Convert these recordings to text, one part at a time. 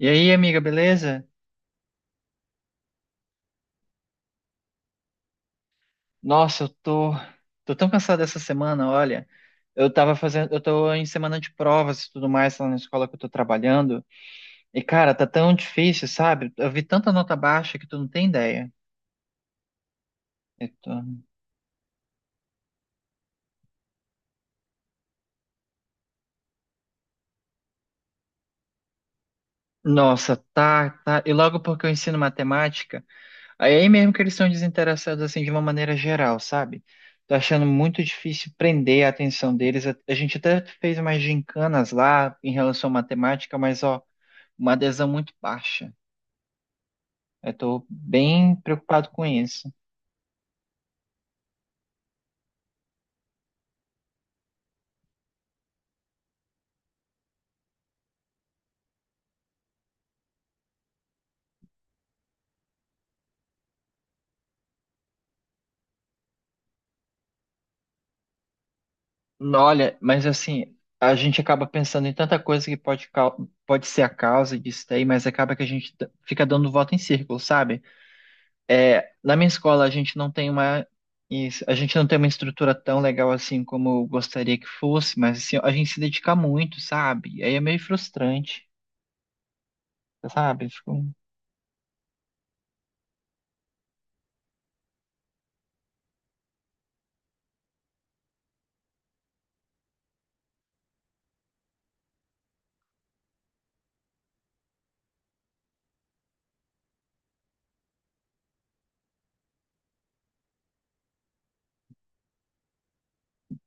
E aí, amiga, beleza? Nossa, eu tô, tô tão cansado dessa semana, olha. Eu tô em semana de provas e tudo mais lá na escola que eu tô trabalhando. E, cara, tá tão difícil, sabe? Eu vi tanta nota baixa que tu não tem ideia. Eu tô- Nossa, tá. E logo porque eu ensino matemática, aí é mesmo que eles são desinteressados assim de uma maneira geral, sabe? Tô achando muito difícil prender a atenção deles. A gente até fez umas gincanas lá em relação à matemática, mas ó, uma adesão muito baixa. Eu tô bem preocupado com isso. Olha, mas assim, a gente acaba pensando em tanta coisa que pode ser a causa disso daí, mas acaba que a gente fica dando volta em círculo, sabe? É, na minha escola, a gente não tem uma estrutura tão legal assim como eu gostaria que fosse, mas assim, a gente se dedica muito, sabe? Aí é meio frustrante, sabe?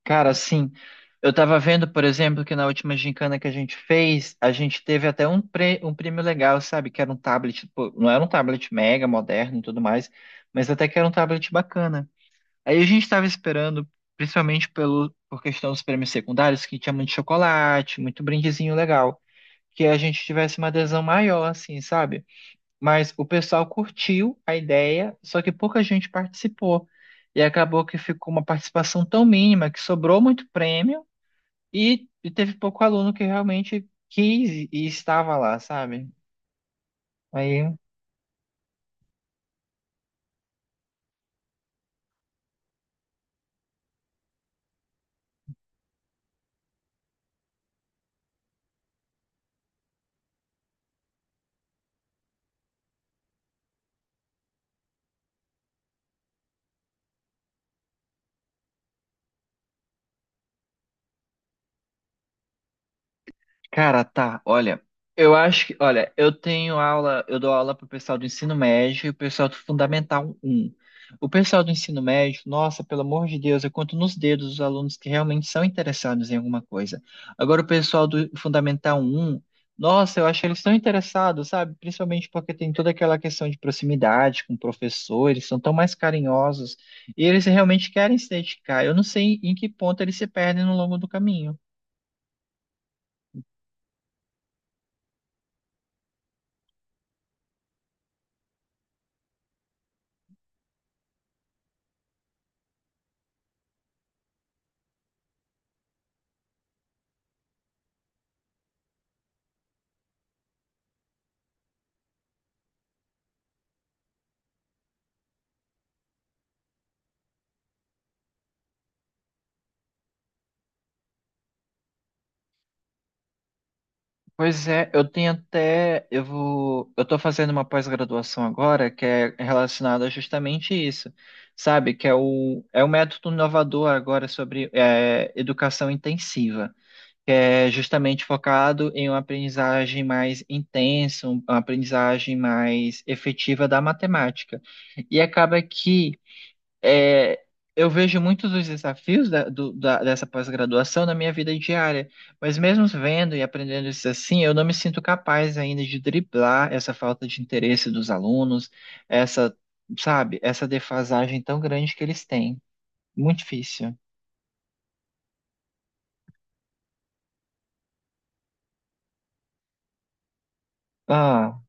Cara, sim. Eu tava vendo, por exemplo, que na última gincana que a gente fez, a gente teve até um prêmio legal, sabe? Que era um tablet, pô, não era um tablet mega moderno e tudo mais, mas até que era um tablet bacana. Aí a gente tava esperando, principalmente por questão dos prêmios secundários, que tinha muito chocolate, muito brindezinho legal, que a gente tivesse uma adesão maior, assim, sabe? Mas o pessoal curtiu a ideia, só que pouca gente participou. E acabou que ficou uma participação tão mínima que sobrou muito prêmio e teve pouco aluno que realmente quis e estava lá, sabe? Aí. Cara, tá, olha, olha, eu dou aula pro pessoal do ensino médio e o pessoal do Fundamental um. O pessoal do ensino médio, nossa, pelo amor de Deus, eu conto nos dedos os alunos que realmente são interessados em alguma coisa. Agora, o pessoal do Fundamental um, nossa, eu acho que eles estão interessados, sabe? Principalmente porque tem toda aquela questão de proximidade com o professor, eles são tão mais carinhosos e eles realmente querem se dedicar. Eu não sei em que ponto eles se perdem no longo do caminho. Pois é, eu tenho até, eu vou, eu tô fazendo uma pós-graduação agora que é relacionada justamente a isso, sabe? Que é é o método inovador agora sobre é, educação intensiva, que é justamente focado em uma aprendizagem mais intensa, uma aprendizagem mais efetiva da matemática. E acaba que é, eu vejo muitos dos desafios dessa pós-graduação na minha vida diária, mas mesmo vendo e aprendendo isso assim, eu não me sinto capaz ainda de driblar essa falta de interesse dos alunos, essa, sabe, essa defasagem tão grande que eles têm. Muito difícil. Ah.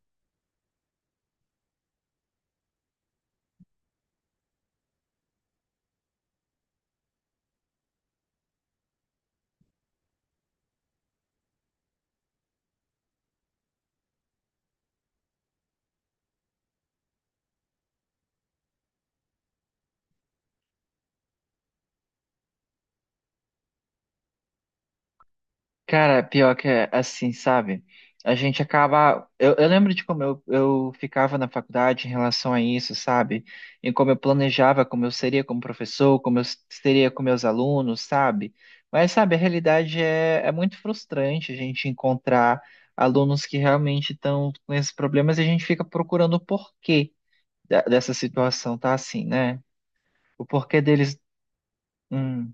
Cara, pior que é assim, sabe? A gente acaba. Eu lembro de como eu ficava na faculdade em relação a isso, sabe? Em como eu planejava, como eu seria como professor, como eu seria com meus alunos, sabe? Mas, sabe, a realidade é muito frustrante a gente encontrar alunos que realmente estão com esses problemas e a gente fica procurando o porquê dessa situação tá assim, né? O porquê deles. hum,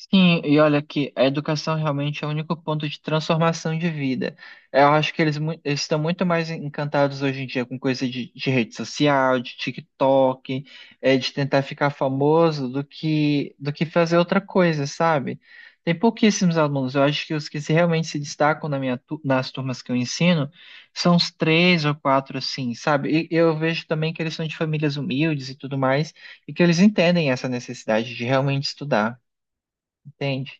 Sim, e olha que a educação realmente é o único ponto de transformação de vida. Eu acho que eles estão muito mais encantados hoje em dia com coisa de rede social, de TikTok, de tentar ficar famoso do que fazer outra coisa, sabe? Tem pouquíssimos alunos. Eu acho que os que realmente se destacam na nas turmas que eu ensino são os três ou quatro, assim, sabe? E eu vejo também que eles são de famílias humildes e tudo mais, e que eles entendem essa necessidade de realmente estudar. Entende?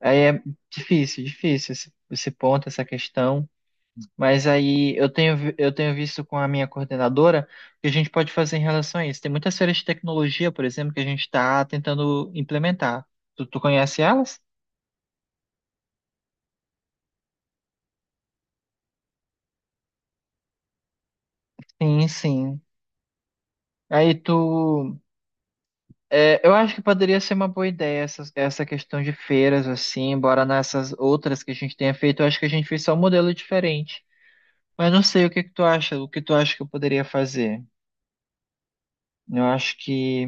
Aí é difícil, difícil esse ponto, essa questão. Mas aí eu tenho visto com a minha coordenadora o que a gente pode fazer em relação a isso. Tem muitas feiras de tecnologia, por exemplo, que a gente está tentando implementar. Tu conhece elas? Sim, sim. Aí tu. É, eu acho que poderia ser uma boa ideia essa questão de feiras, assim, embora nessas outras que a gente tenha feito, eu acho que a gente fez só um modelo diferente. Mas não sei o que tu acha que eu poderia fazer. Eu acho que.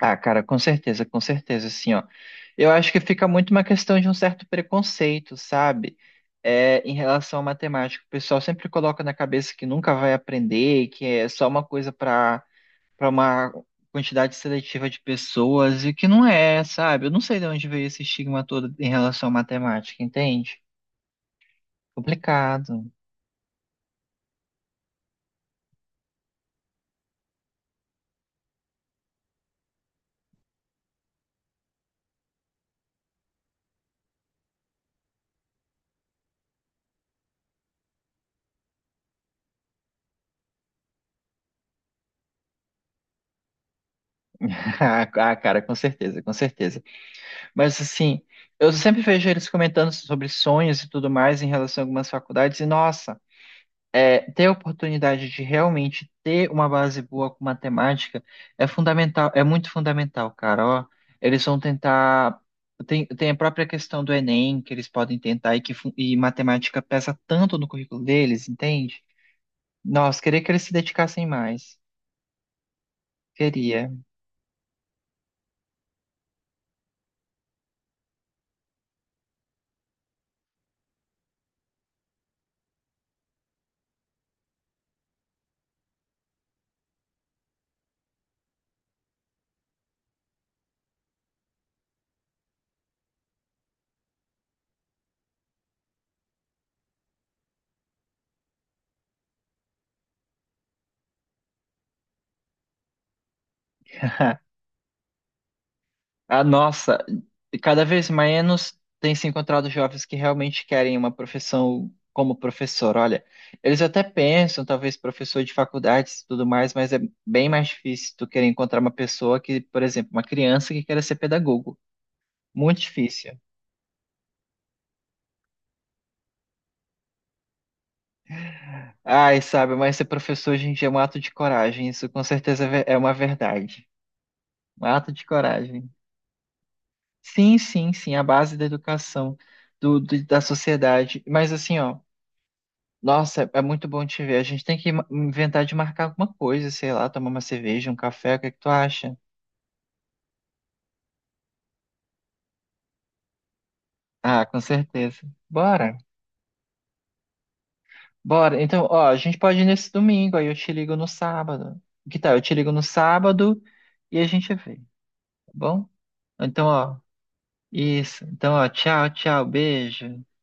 Ah, cara, com certeza, assim, ó. Eu acho que fica muito uma questão de um certo preconceito, sabe? É, em relação à matemática. O pessoal sempre coloca na cabeça que nunca vai aprender, que é só uma coisa para uma quantidade seletiva de pessoas, e que não é, sabe? Eu não sei de onde veio esse estigma todo em relação à matemática, entende? Complicado. Ah, cara, com certeza, com certeza. Mas assim, eu sempre vejo eles comentando sobre sonhos e tudo mais em relação a algumas faculdades, e nossa. É, ter a oportunidade de realmente ter uma base boa com matemática é fundamental, é muito fundamental, cara. Ó, eles vão tentar. Tem a própria questão do Enem que eles podem tentar e que e matemática pesa tanto no currículo deles, entende? Nossa, queria que eles se dedicassem mais. Queria. Ah, nossa, e cada vez menos tem se encontrado jovens que realmente querem uma profissão como professor. Olha, eles até pensam, talvez professor de faculdades e tudo mais, mas é bem mais difícil tu querer encontrar uma pessoa que, por exemplo, uma criança que queira ser pedagogo. Muito difícil. Ai, sabe, mas ser professor hoje em dia é um ato de coragem. Isso com certeza é uma verdade. Um ato de coragem. Sim, sim, sim, a base da educação, da sociedade. Mas assim, ó. Nossa, é é muito bom te ver. A gente tem que inventar de marcar alguma coisa, sei lá, tomar uma cerveja, um café, o que é que tu acha? Ah, com certeza. Bora, bora. Então, ó, a gente pode ir nesse domingo, aí eu te ligo no sábado. Que tal? Eu te ligo no sábado e a gente vê, tá bom? Então, ó, isso. Então, ó, tchau, tchau, beijo.